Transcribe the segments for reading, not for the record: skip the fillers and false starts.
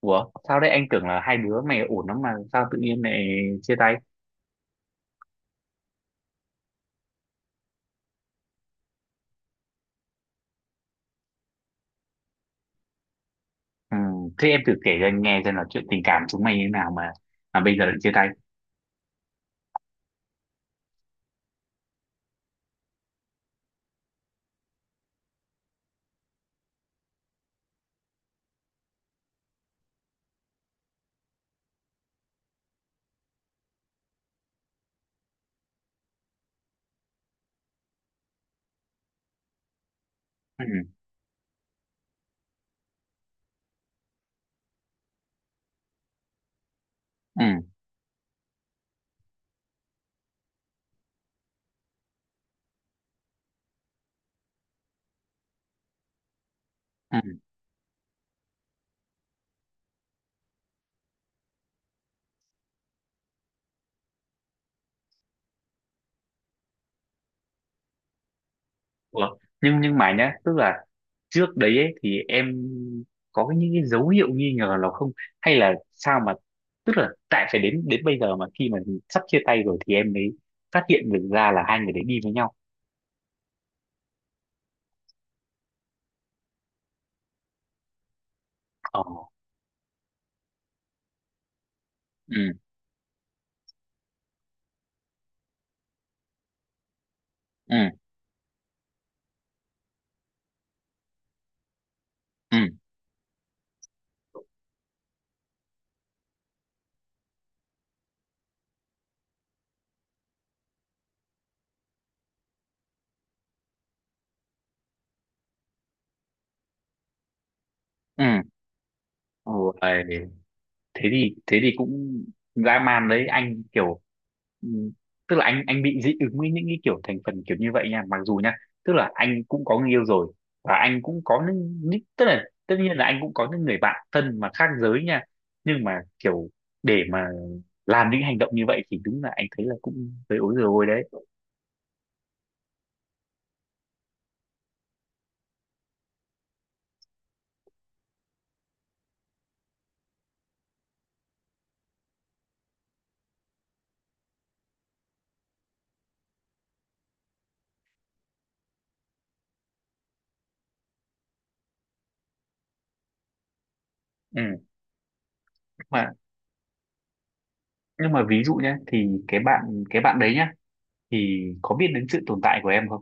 Ủa, sao đấy, anh tưởng là hai đứa mày ổn lắm mà sao tự nhiên lại chia tay? Ừ. Thế em thử kể cho anh nghe xem là chuyện tình cảm chúng mày như thế nào mà bây giờ lại chia tay. Ừ. Ừ. Ừ. Ủa, nhưng mà nhá, tức là trước đấy ấy, thì em những cái dấu hiệu nghi ngờ nào không? Hay là sao mà tức là tại phải đến đến bây giờ mà khi mà sắp chia tay rồi thì em mới phát hiện được ra là hai người đấy đi với nhau. Ồ. Ừ. Ừ. Ừ. Ừ. Ủa, thế thì cũng dã man đấy anh, kiểu ừm, tức là anh bị dị ứng với những cái kiểu thành phần kiểu như vậy nha, mặc dù nha tức là anh cũng có người yêu rồi và anh cũng có những tức là tất nhiên là anh cũng có những người bạn thân mà khác giới nha, nhưng mà kiểu để mà làm những hành động như vậy thì đúng là anh thấy là cũng hơi ối rồi ôi đấy. Ừ. Mà nhưng mà ví dụ nhé thì cái bạn đấy nhá thì có biết đến sự tồn tại của em không?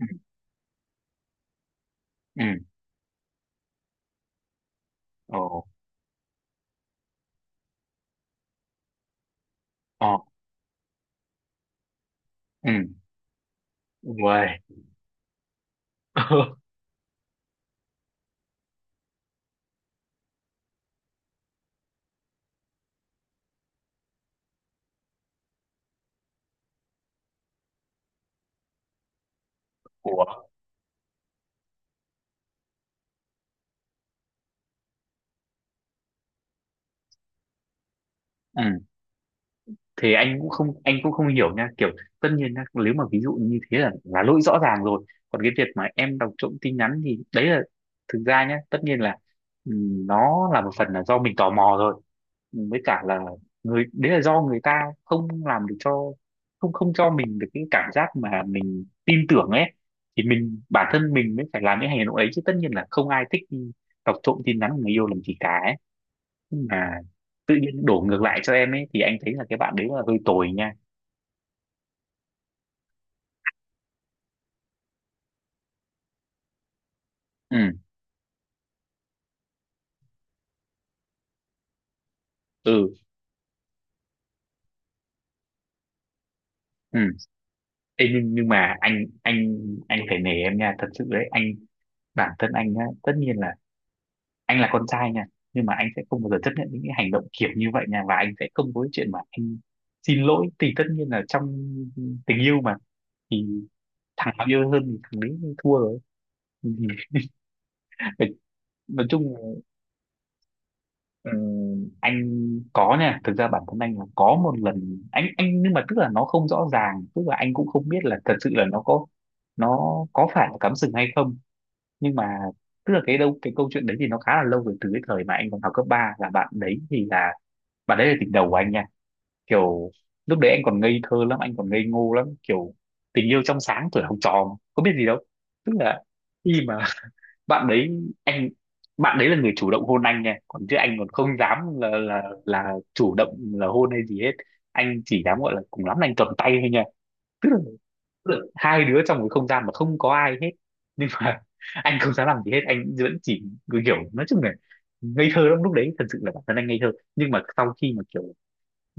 Ừ. Ừ. Ồ. Ồ. Ừ. Uầy. Ủa? Ừ. Thì anh cũng không hiểu nha, kiểu tất nhiên nhá, nếu mà ví dụ như thế là lỗi rõ ràng rồi, còn cái việc mà em đọc trộm tin nhắn thì đấy là thực ra nhá, tất nhiên là ừ, nó là một phần là do mình tò mò rồi. Ừ, với cả là người đấy là do người ta không làm được cho, không không cho mình được cái cảm giác mà mình tin tưởng ấy, thì mình bản thân mình mới phải làm những hành động đấy, chứ tất nhiên là không ai thích đọc trộm tin nhắn của người yêu làm gì cả mà tự nhiên đổ ngược lại cho em ấy, thì anh thấy là cái bạn đấy là hơi tồi nha. Ừ. Ừ. Ừ. Ê, nhưng mà anh phải nể em nha, thật sự đấy anh, bản thân anh á, tất nhiên là anh là con trai nha, nhưng mà anh sẽ không bao giờ chấp nhận những cái hành động kiểu như vậy nha, và anh sẽ không có cái chuyện mà anh xin lỗi. Thì tất nhiên là trong tình yêu mà, thì thằng nào yêu hơn thì thằng đấy thua rồi. Nói chung, ừ, anh có nha, thực ra bản thân anh là có một lần anh nhưng mà tức là nó không rõ ràng, tức là anh cũng không biết là thật sự là nó có phải là cắm sừng hay không, nhưng mà tức là cái câu chuyện đấy thì nó khá là lâu rồi, từ cái thời mà anh còn học cấp ba. Là bạn đấy là tình đầu của anh nha, kiểu lúc đấy anh còn ngây thơ lắm, anh còn ngây ngô lắm, kiểu tình yêu trong sáng tuổi học trò mà, có biết gì đâu. Tức là khi mà bạn đấy anh bạn đấy là người chủ động hôn anh nha, còn chứ anh còn không dám là chủ động là hôn hay gì hết, anh chỉ dám gọi là cùng lắm là anh cầm tay thôi nha, tức là, tức là hai đứa trong cái không gian mà không có ai hết, nhưng mà anh không dám làm gì hết, anh vẫn chỉ cứ kiểu, nói chung là ngây thơ lắm lúc đấy, thật sự là bản thân anh ngây thơ. Nhưng mà sau khi mà kiểu,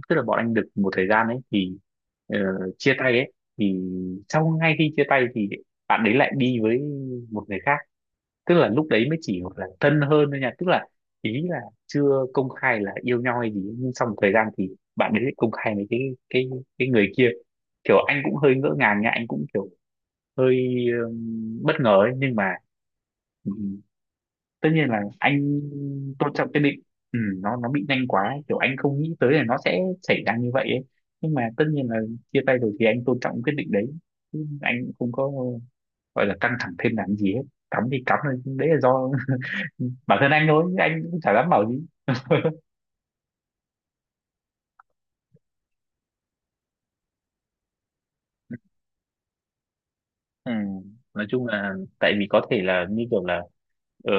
tức là bọn anh được một thời gian ấy, thì ờ, chia tay ấy, thì sau ngay khi chia tay thì bạn đấy lại đi với một người khác. Tức là lúc đấy mới chỉ gọi là thân hơn thôi nha, tức là ý là chưa công khai là yêu nhau hay gì, nhưng sau một thời gian thì bạn ấy lại công khai với cái cái người kia, kiểu anh cũng hơi ngỡ ngàng nha, anh cũng kiểu hơi bất ngờ ấy, nhưng mà ừm, tất nhiên là anh tôn trọng cái định. Ừ, nó bị nhanh quá ấy, kiểu anh không nghĩ tới là nó sẽ xảy ra như vậy ấy, nhưng mà tất nhiên là chia tay rồi thì anh tôn trọng quyết định đấy. Chứ anh cũng không có gọi là căng thẳng thêm làm gì hết, cắm thì cắm thôi, đấy là do, ừ, bản thân anh thôi, chứ anh cũng chả dám bảo gì. Ừ. Nói chung là tại vì có thể là như kiểu là ờ,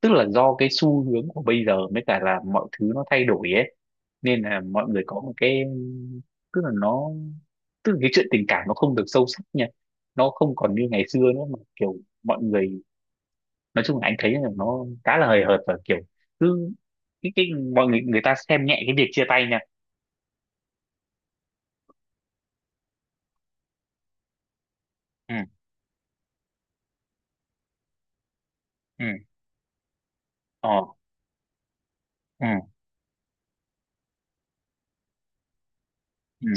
tức là do cái xu hướng của bây giờ, mới cả là mọi thứ nó thay đổi ấy, nên là mọi người có một cái, tức là nó tức là cái chuyện tình cảm nó không được sâu sắc nha, nó không còn như ngày xưa nữa mà kiểu mọi người, nói chung là anh thấy là nó khá là hời hợt, và kiểu cứ cái mọi người người ta xem nhẹ cái việc chia tay nha. Ừ. Ừ. Ờ. Ừ. Ừ.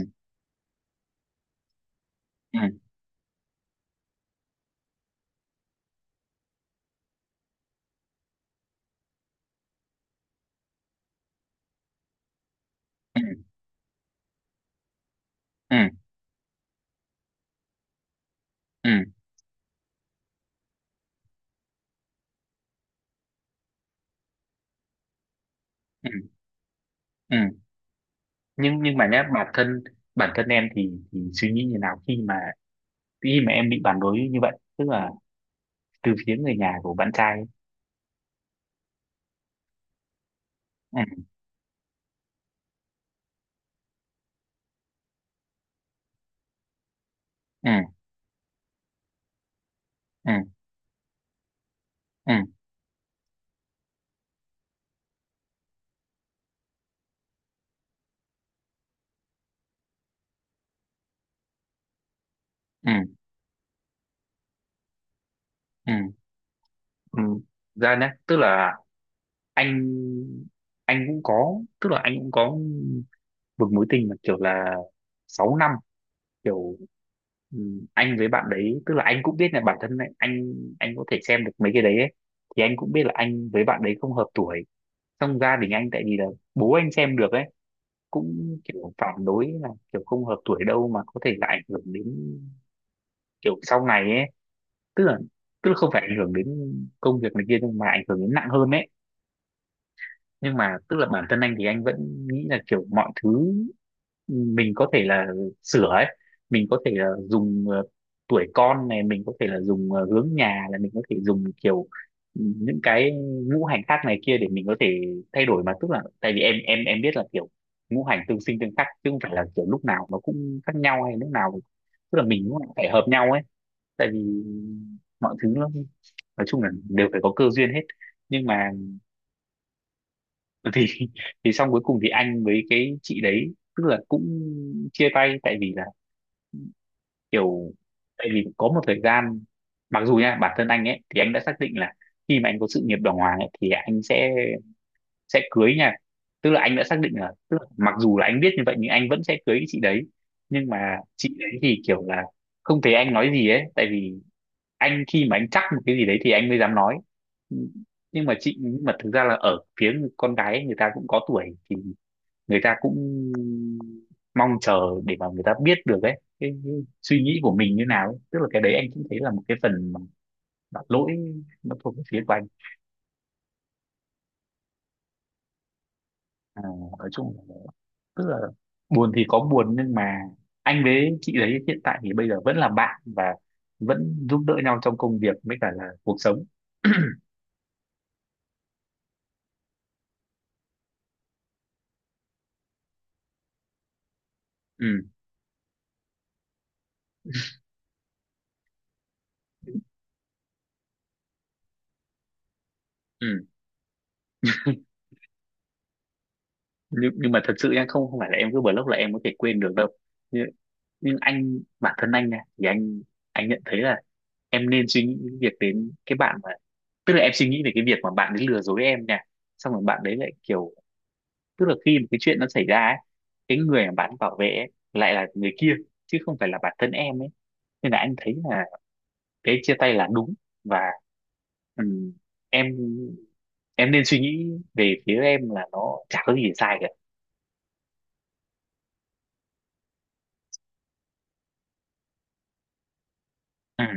Ừ. Ừ. Ừ. Ừ. Ừ. Nhưng mà nhé, bản thân em thì, suy nghĩ như nào khi mà em bị phản đối như vậy, tức là từ phía người nhà của bạn trai ấy. Ừ. Ừ. Ừ. Ừ. Ừ. Ừ. Ừ. Ra nhé, tức là anh anh cũng có tức là anh cũng có một mối tình mà kiểu là 6 năm, kiểu ừ, anh với bạn đấy, tức là anh cũng biết là bản thân anh có thể xem được mấy cái đấy ấy. Thì anh cũng biết là anh với bạn đấy không hợp tuổi. Trong gia đình anh, tại vì là bố anh xem được ấy, cũng kiểu phản đối là kiểu không hợp tuổi đâu, mà có thể là ảnh hưởng đến kiểu sau này ấy, tức là tức là không phải ảnh hưởng đến công việc này kia, nhưng mà ảnh hưởng đến nặng hơn ấy. Nhưng mà tức là bản thân anh thì anh vẫn nghĩ là kiểu mọi thứ mình có thể là sửa ấy, mình có thể là dùng tuổi con này, mình có thể là dùng hướng nhà, là mình có thể dùng kiểu những cái ngũ hành khác này kia để mình có thể thay đổi mà. Tức là tại vì em biết là kiểu ngũ hành tương sinh tương khắc, chứ không phải là kiểu lúc nào nó cũng khác nhau hay lúc nào tức là mình cũng phải hợp nhau ấy, tại vì mọi thứ nó nói chung là đều phải có cơ duyên hết. Nhưng mà thì thì xong cuối cùng thì anh với cái chị đấy tức là cũng chia tay, tại vì là kiểu tại vì có một thời gian, mặc dù nha bản thân anh ấy thì anh đã xác định là khi mà anh có sự nghiệp đàng hoàng ấy, thì anh sẽ cưới nha, tức là anh đã xác định là tức là mặc dù là anh biết như vậy, nhưng anh vẫn sẽ cưới cái chị đấy. Nhưng mà chị đấy thì kiểu là không thấy anh nói gì ấy, tại vì anh khi mà anh chắc một cái gì đấy thì anh mới dám nói. Nhưng mà nhưng mà thực ra là ở phía con gái ấy, người ta cũng có tuổi thì người ta cũng mong chờ để mà người ta biết được ấy cái suy nghĩ của mình như nào ấy. Tức là cái đấy anh cũng thấy là một cái phần mà lỗi nó thuộc về phía của anh. À, nói chung là tức là buồn thì có buồn, nhưng mà anh với chị đấy hiện tại thì bây giờ vẫn là bạn, và vẫn giúp đỡ nhau trong công việc với cả là cuộc sống. Ừ. Ừ. nhưng mà thật sự nha, không không phải là em cứ block là em có thể quên được đâu, nhưng, nhưng anh bản thân anh nha, thì anh nhận thấy là em nên suy nghĩ những việc đến cái bạn mà, tức là em suy nghĩ về cái việc mà bạn ấy lừa dối em nha, xong rồi bạn đấy lại kiểu, tức là khi mà cái chuyện nó xảy ra ấy, cái người mà bạn bảo vệ ấy, lại là người kia chứ không phải là bản thân em ấy, nên là anh thấy là cái chia tay là đúng. Và ừm, em em nên suy nghĩ về phía em là nó chả có gì để sai cả. À.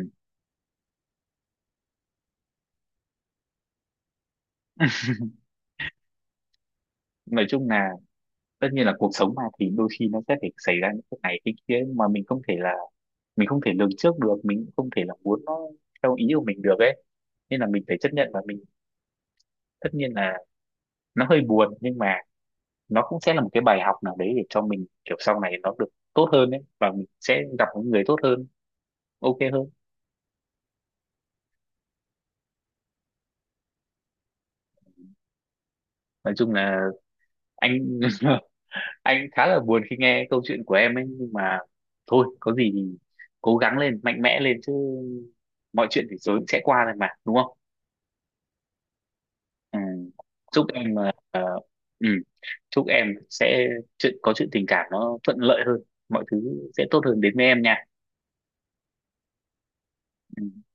Nói chung là tất nhiên là cuộc sống mà, thì đôi khi nó sẽ phải xảy ra những cái này cái kia mà mình không thể lường trước được, mình cũng không thể là muốn nó theo ý của mình được ấy, nên là mình phải chấp nhận, và mình tất nhiên là nó hơi buồn, nhưng mà nó cũng sẽ là một cái bài học nào đấy để cho mình kiểu sau này nó được tốt hơn ấy, và mình sẽ gặp những người tốt hơn, ok hơn. Nói chung là anh anh khá là buồn khi nghe câu chuyện của em ấy, nhưng mà thôi, có gì thì cố gắng lên, mạnh mẽ lên chứ, mọi chuyện thì rồi cũng sẽ qua thôi mà, đúng không? Ừ. Chúc em ừ. chúc em sẽ chuyện tình cảm nó thuận lợi hơn, mọi thứ sẽ tốt hơn đến với em nha. Ừ.